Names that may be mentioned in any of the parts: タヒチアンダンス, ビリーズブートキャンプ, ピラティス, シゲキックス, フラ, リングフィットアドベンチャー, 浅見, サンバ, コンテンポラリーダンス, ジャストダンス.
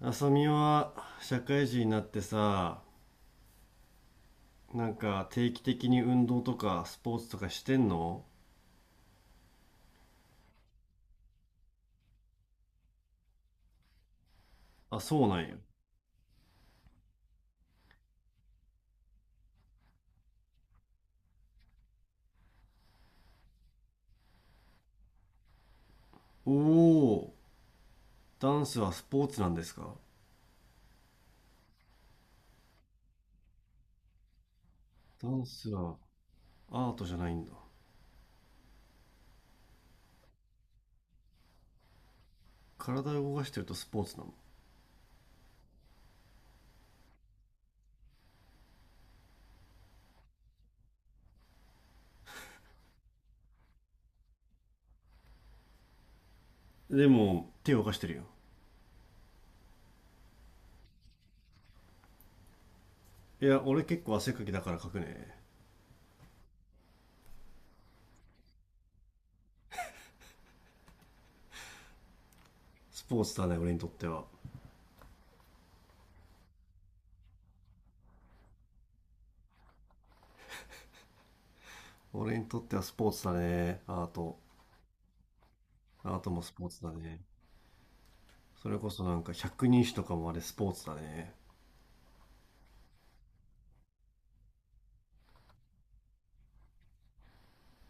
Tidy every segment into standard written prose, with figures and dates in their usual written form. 浅見は社会人になってさ、なんか定期的に運動とかスポーツとかしてんの？あ、そうなんや。おお、ダンスはスポーツなんですか？ダンスはアートじゃないんだ。体を動かしてるとスポーツなの？でも、手を動かしてるよ。いや、俺結構汗かきだから書くね。スポーツだね、俺にとっては。俺にとってはスポーツだね、アート。アートもスポーツだね。それこそなんか百人一首とかもあれスポーツだね。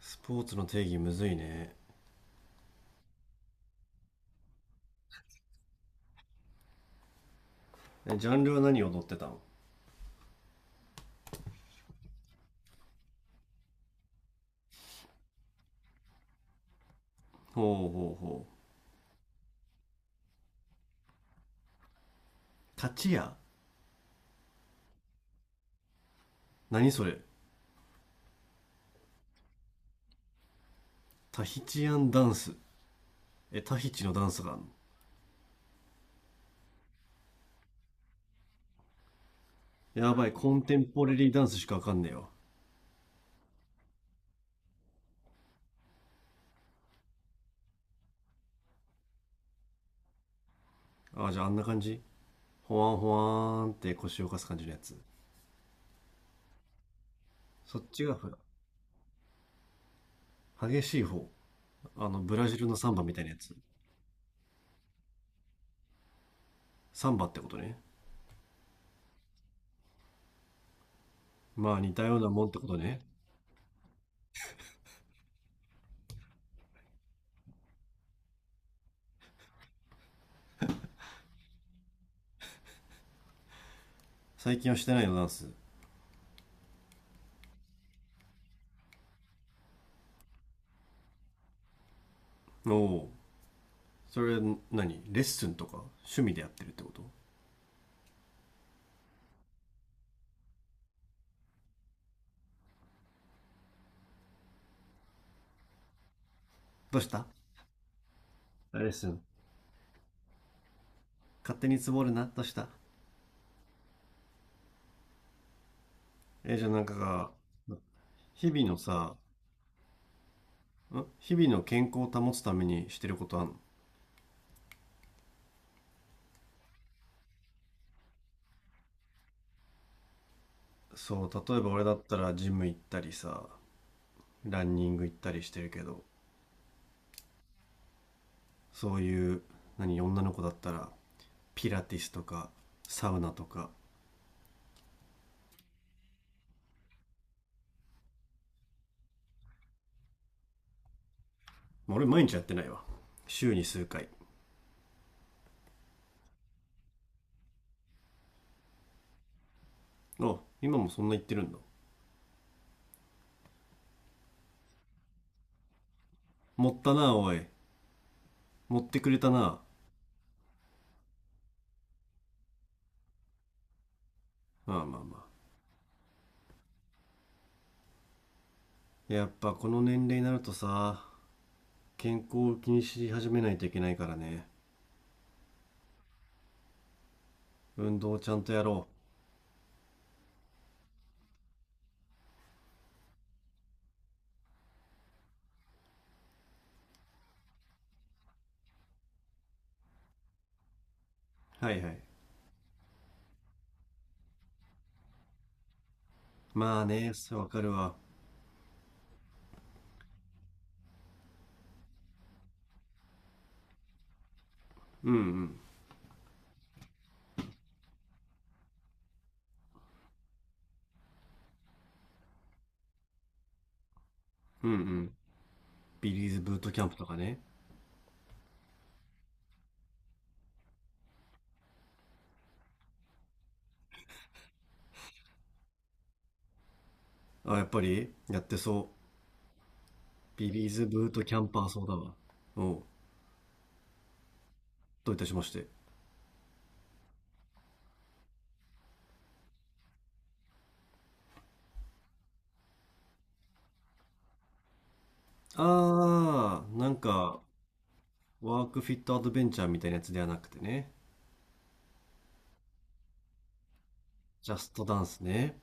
スポーツの定義むずいね。ジャンルは何踊ってたの？ほうほうほう。タチヤ？何それ？タヒチアンダンス。え、タヒチのダンスがあんの？やばい、コンテンポラリーダンスしかわかんねえよ。ああ、じゃああんな感じ？ほわんほわーんって腰を浮かす感じのやつ？そっちがフラ、激しい方？あのブラジルのサンバみたいなやつ？サンバってことね。まあ似たようなもんってことね。最近はしてないの、ダンス？おお、それ何？レッスンとか趣味でやってるってこと？どうした？レッスン？勝手につぼるな、どうした？じゃあなんかが、日々のさ、ん、日々の健康を保つためにしてることあんの？そう、例えば俺だったらジム行ったりさ、ランニング行ったりしてるけど、そういう、何、女の子だったら、ピラティスとか、サウナとか、まあ俺毎日やってないわ。週に数回。あ、今もそんな言ってるんだ。持ったな、おい。持ってくれたな。まあまあまあ。やっぱこの年齢になるとさ、健康を気にし始めないといけないからね。運動をちゃんとやろ。はいはい。まあね、そうわかるわ。うんうん。うんうん。ビリーズブートキャンプとかね。あ、やっぱりやってそう。ビリーズブートキャンパーそうだわ。おう、どういたしまして。あー、なんか、ワークフィットアドベンチャーみたいなやつではなくてね。ジャストダンスね。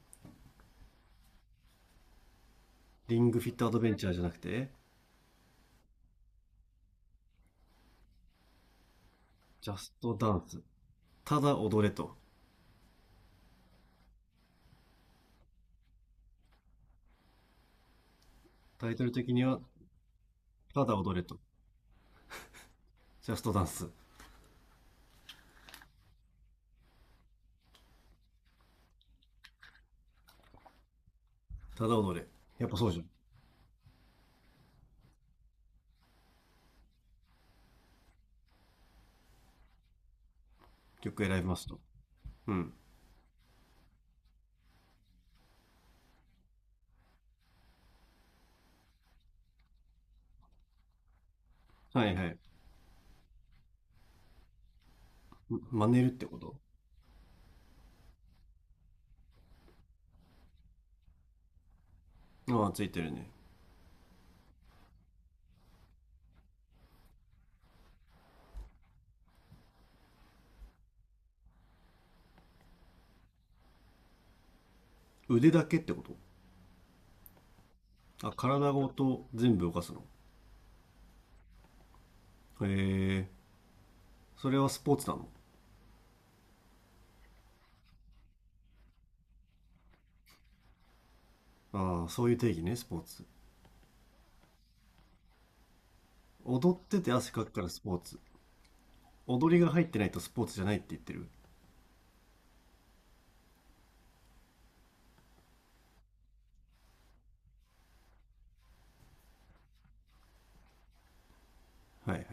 リングフィットアドベンチャーじゃなくて、ジャストダンス。ただ踊れと。タイトル的には、ただ踊れと。ジャストダンス。ただ踊れ。やっぱそうじゃん。曲選びますと。うん。はいはい。真似るってこと？ああ、ついてるね。腕だけってこと？あ、体ごと全部動かすの？へえ、それはスポーツなの？ああ、そういう定義ね、スポーツ。踊ってて汗かくからスポーツ。踊りが入ってないとスポーツじゃないって言ってる。はいはい。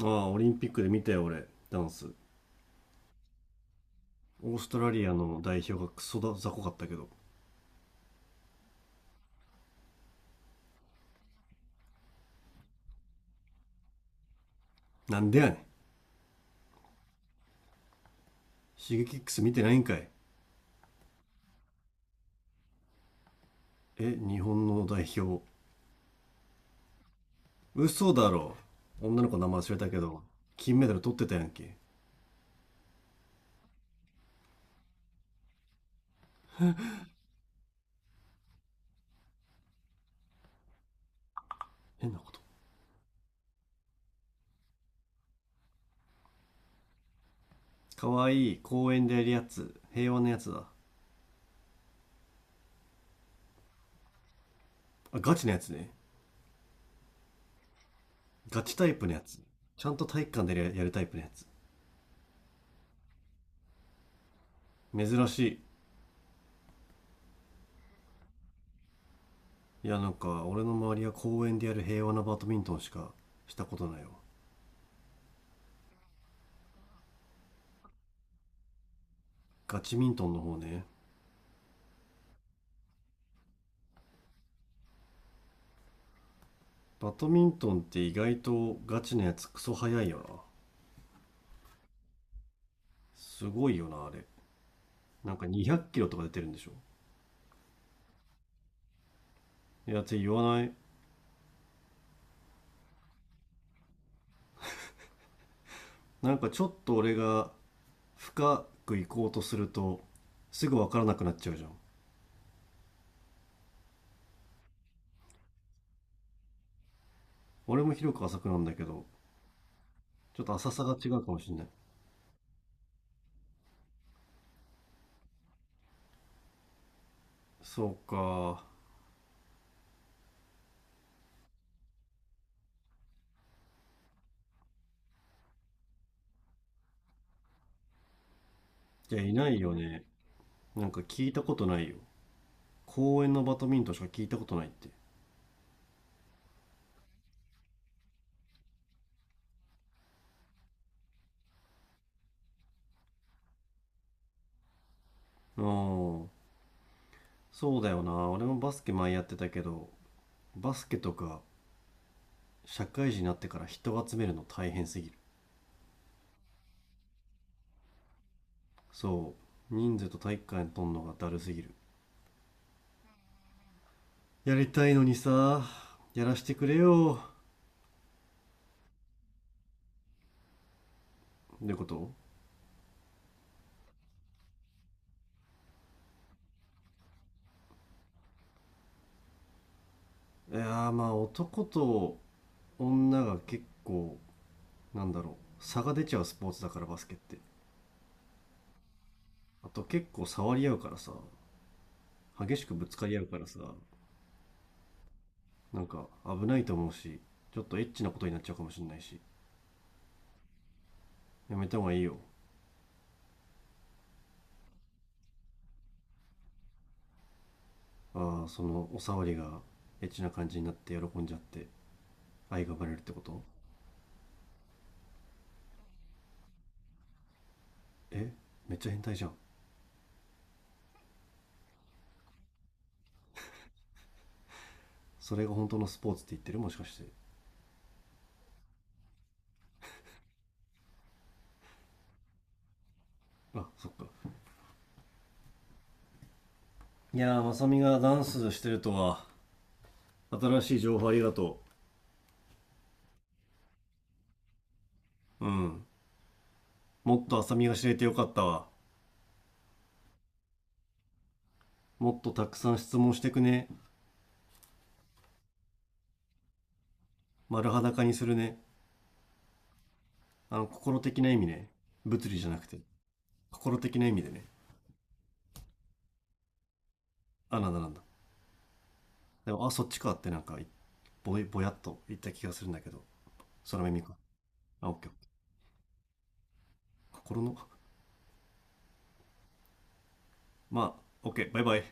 ああ、オリンピックで見たよ、俺、ダンス。オーストラリアの代表がクソだ、雑魚かったけど。なんでやねん。シゲキックス見てないんかい。え、日本の代表。嘘だろ。女の子の名前忘れたけど、金メダル取ってたやんけ。変なこと。かわいい、公園でやるやつ、平和なやつだ？あ、ガチのやつね。ガチタイプのやつ？ちゃんと体育館でやるやるタイプのやつ？珍しい。いや、なんか俺の周りは公園でやる平和なバドミントンしかしたことないわ。ガチミントンの方ね。バドミントンって意外とガチのやつクソ速いよな。すごいよなあれ。なんか200キロとか出てるんでしょ？いやって言わない。なんかちょっと俺が深く行こうとするとすぐ分からなくなっちゃうじゃん。俺も広く浅くなんだけど、ちょっと浅さが違うかもしれない。そうか。いや、いないよね。なんか聞いたことないよ。公園のバドミントンしか聞いたことないって。うん。そうだよな。俺もバスケ前やってたけど、バスケとか社会人になってから人を集めるの大変すぎる。そう。人数と体育館にとんのがだるすぎる。やりたいのにさ、やらしてくれよ。ってこと？いやー、まあ男と女が結構、なんだろう、差が出ちゃうスポーツだからバスケって。あと結構触り合うからさ、激しくぶつかり合うからさ、なんか危ないと思うし、ちょっとエッチなことになっちゃうかもしれないし、やめた方がいいよ。ああ、そのお触りがエッチな感じになって喜んじゃって愛が生まれるってこと？え、めっちゃ変態じゃん。それが本当のスポーツって言ってる、もしかして。あ、そっか。いやー、まさみがダンスしてるとは、新しい情報ありがとう。うん。もっとあさみが知れてよかったわ。もっとたくさん質問してくね。丸裸にするね。あの、心的な意味ね。物理じゃなくて、心的な意味でね。あ、なんだなんだ。でも、あ、そっちかってなんか、ぼやっと言った気がするんだけど。空耳か。あ、オッケー。心の、まあ、オッケー、バイバイ。